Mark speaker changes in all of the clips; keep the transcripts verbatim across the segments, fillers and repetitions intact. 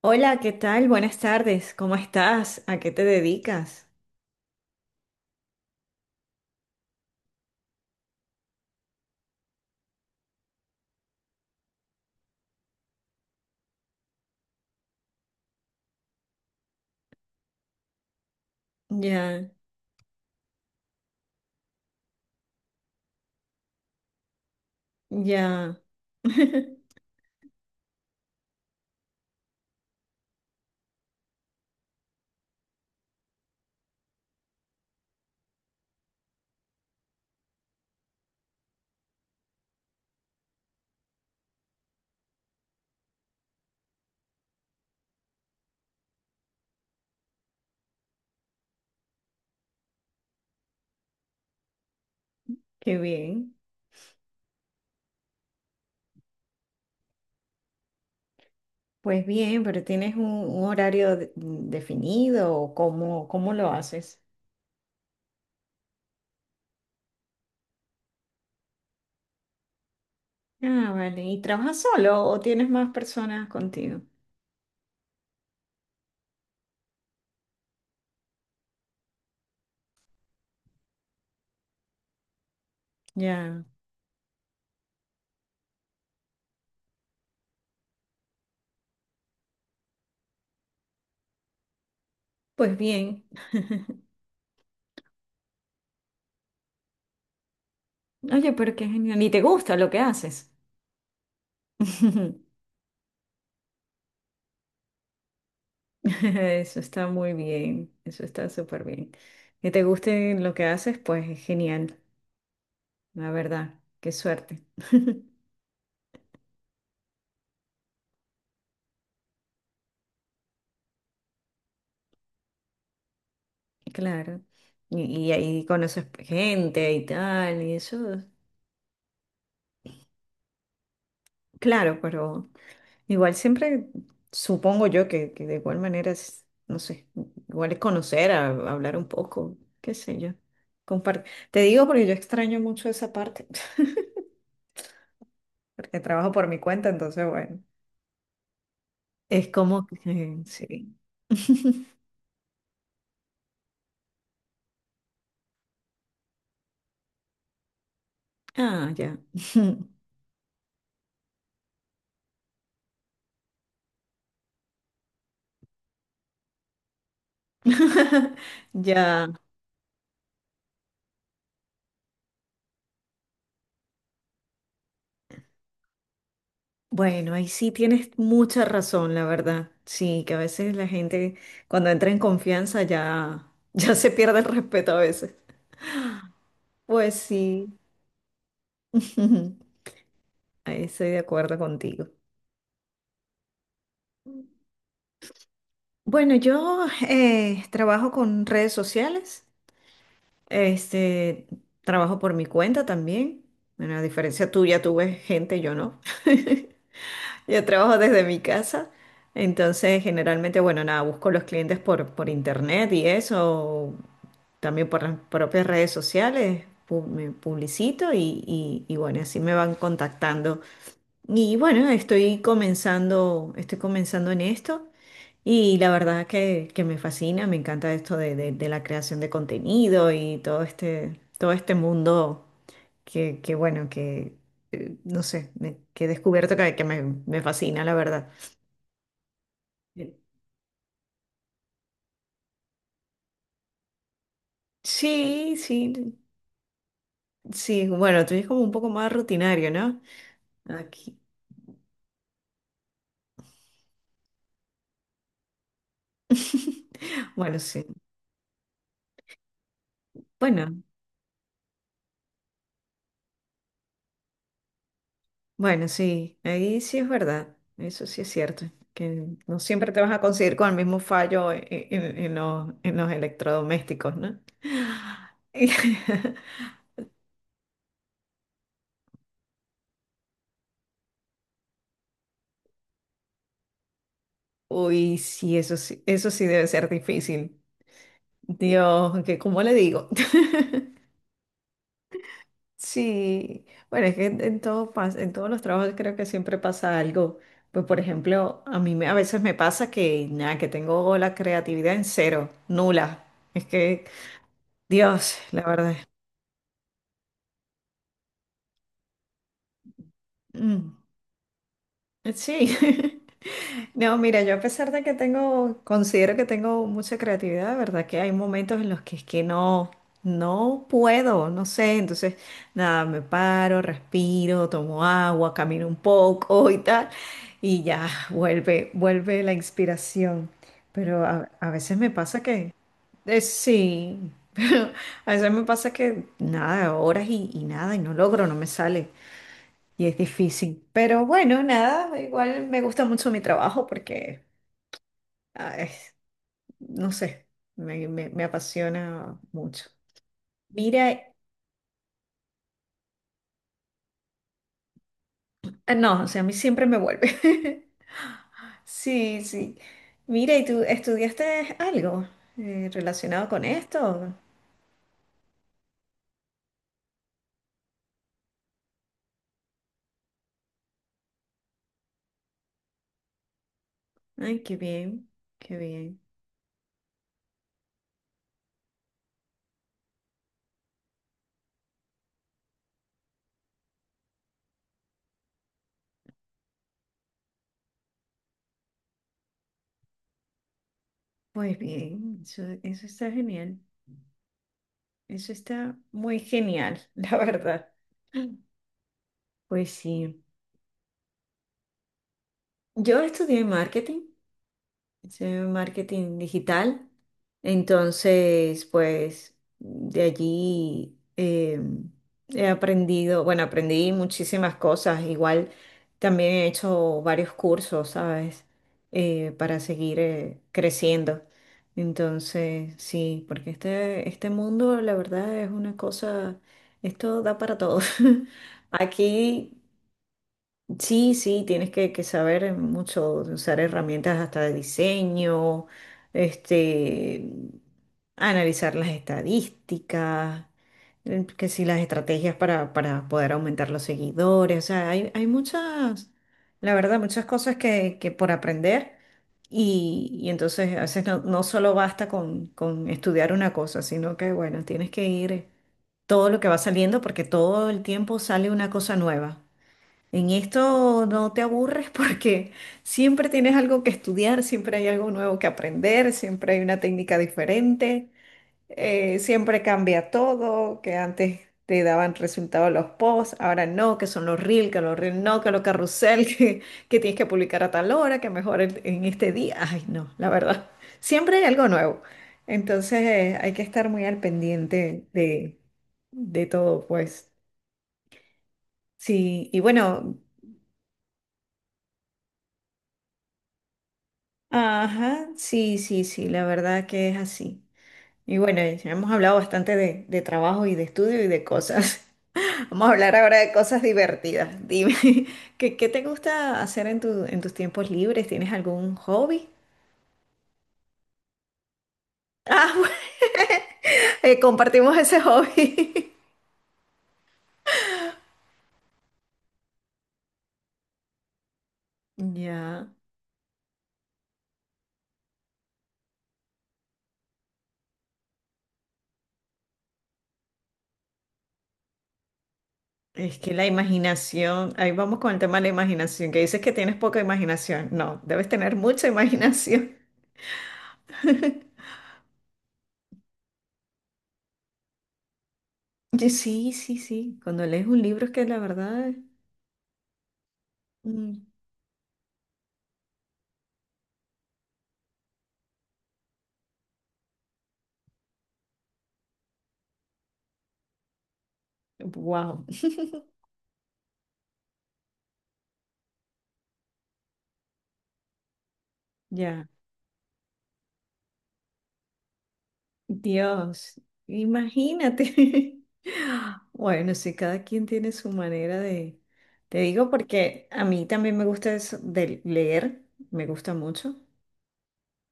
Speaker 1: Hola, ¿qué tal? Buenas tardes. ¿Cómo estás? ¿A qué te dedicas? Ya, ya. Qué bien. Pues bien, pero ¿tienes un, un horario de- definido o cómo, cómo lo haces? Ah, vale. ¿Y trabajas solo o tienes más personas contigo? Ya. Pues bien. Oye, pero qué genial. ¿Y te gusta lo que haces? Eso está muy bien. Eso está súper bien. Que te guste lo que haces, pues es genial. La verdad. Qué suerte. Claro. Y, y ahí conoces gente y tal, y eso, claro, pero igual siempre supongo yo que, que de igual manera es, no sé, igual es conocer, a- hablar un poco, qué sé yo. Compar- Te digo porque yo extraño mucho esa parte, porque trabajo por mi cuenta, entonces bueno, es como que sí. Ah, ya. Ya. Bueno, ahí sí tienes mucha razón, la verdad. Sí, que a veces la gente cuando entra en confianza ya, ya se pierde el respeto a veces. Pues sí, ahí estoy de acuerdo contigo. Bueno, yo eh, trabajo con redes sociales, este, trabajo por mi cuenta también. Bueno, a diferencia tuya, tuve gente, yo no. Yo trabajo desde mi casa, entonces generalmente, bueno, nada, busco los clientes por, por internet y eso, también por las propias redes sociales pu- me publicito y, y- y bueno, así me van contactando. Y bueno, estoy comenzando, estoy comenzando en esto y la verdad que, que me fascina, me encanta esto de, de- de la creación de contenido y todo este, todo este mundo que, que bueno, que eh, no sé, me- que he descubierto que, que me, me fascina, la verdad. Sí, sí, sí, bueno, tú eres como un poco más rutinario, ¿no? Aquí. Bueno, sí. Bueno, bueno, sí. Ahí sí es verdad. Eso sí es cierto. Que no siempre te vas a conseguir con el mismo fallo en, en- en los, en los electrodomésticos, ¿no? Uy, sí, eso sí, eso sí debe ser difícil. Dios, que ¿cómo le digo? Sí, bueno, es que en, en todo pas- en todos los trabajos creo que siempre pasa algo. Pues por ejemplo, a mí me- a veces me pasa que nada, que tengo la creatividad en cero, nula. Es que, Dios, la verdad. Mm, Sí. No, mira, yo a pesar de que tengo, considero que tengo mucha creatividad, verdad que hay momentos en los que es que no, no puedo, no sé, entonces nada, me paro, respiro, tomo agua, camino un poco y tal, y ya vuelve, vuelve la inspiración. Pero a, a veces me pasa que, eh, sí, pero a veces me pasa que nada, horas y, y nada, y no logro, no me sale. Y es difícil. Pero bueno, nada, igual me gusta mucho mi trabajo porque Ah, es- no sé, me, me- me apasiona mucho. Mira, ah, no, o sea, a mí siempre me vuelve. Sí, sí. Mira, ¿y tú estudiaste algo eh, relacionado con esto? Ay, qué bien, qué bien. Pues bien, eso, eso está genial. Eso está muy genial, la verdad. Pues sí. Yo estudié marketing. Hice marketing digital. Entonces, pues de allí eh, he aprendido, bueno, aprendí muchísimas cosas. Igual también he hecho varios cursos, ¿sabes? Eh, para seguir eh, creciendo. Entonces, sí, porque este, este mundo, la verdad, es una cosa, esto da para todos. Aquí sí, sí, tienes que, que saber mucho, usar herramientas hasta de diseño, este, analizar las estadísticas, eh, que si las estrategias para, para poder aumentar los seguidores, o sea, hay, hay muchas, la verdad, muchas cosas que, que por aprender y, y entonces a veces no, no solo basta con, con estudiar una cosa, sino que, bueno, tienes que ir todo lo que va saliendo porque todo el tiempo sale una cosa nueva. En esto no te aburres porque siempre tienes algo que estudiar, siempre hay algo nuevo que aprender, siempre hay una técnica diferente, eh, siempre cambia todo, que antes te daban resultados los posts, ahora no, que son los reels, que los reels no, que los carrusel, que, que tienes que publicar a tal hora, que mejor en, en este día. Ay, no, la verdad, siempre hay algo nuevo. Entonces, eh, hay que estar muy al pendiente de, de todo, pues. Sí, y bueno. Ajá, sí, sí, sí, la verdad que es así. Y bueno, ya hemos hablado bastante de, de trabajo y de estudio y de cosas. Vamos a hablar ahora de cosas divertidas. Dime, ¿qué, qué te gusta hacer en tu, en tus tiempos libres? ¿Tienes algún hobby? Ah, bueno, eh, compartimos ese hobby. Ya, es que la imaginación, ahí vamos con el tema de la imaginación, que dices que tienes poca imaginación. No, debes tener mucha imaginación. Y sí, sí, sí. Cuando lees un libro es que la verdad... mm, Wow, ya, Dios, imagínate. Bueno, sí, cada quien tiene su manera de... Te digo porque a mí también me gusta eso de leer, me gusta mucho,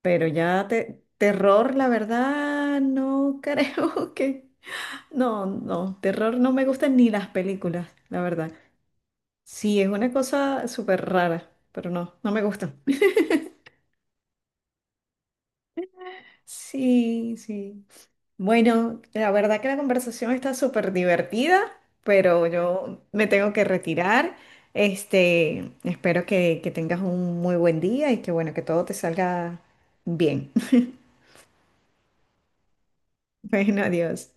Speaker 1: pero ya te- terror, la verdad, no creo que... No, no, terror no me gustan ni las películas, la verdad. Sí, es una cosa súper rara, pero no, no me gusta. Sí, sí. Bueno, la verdad que la conversación está súper divertida, pero yo me tengo que retirar. Este, espero que, que tengas un muy buen día y que bueno, que todo te salga bien. Bueno, adiós.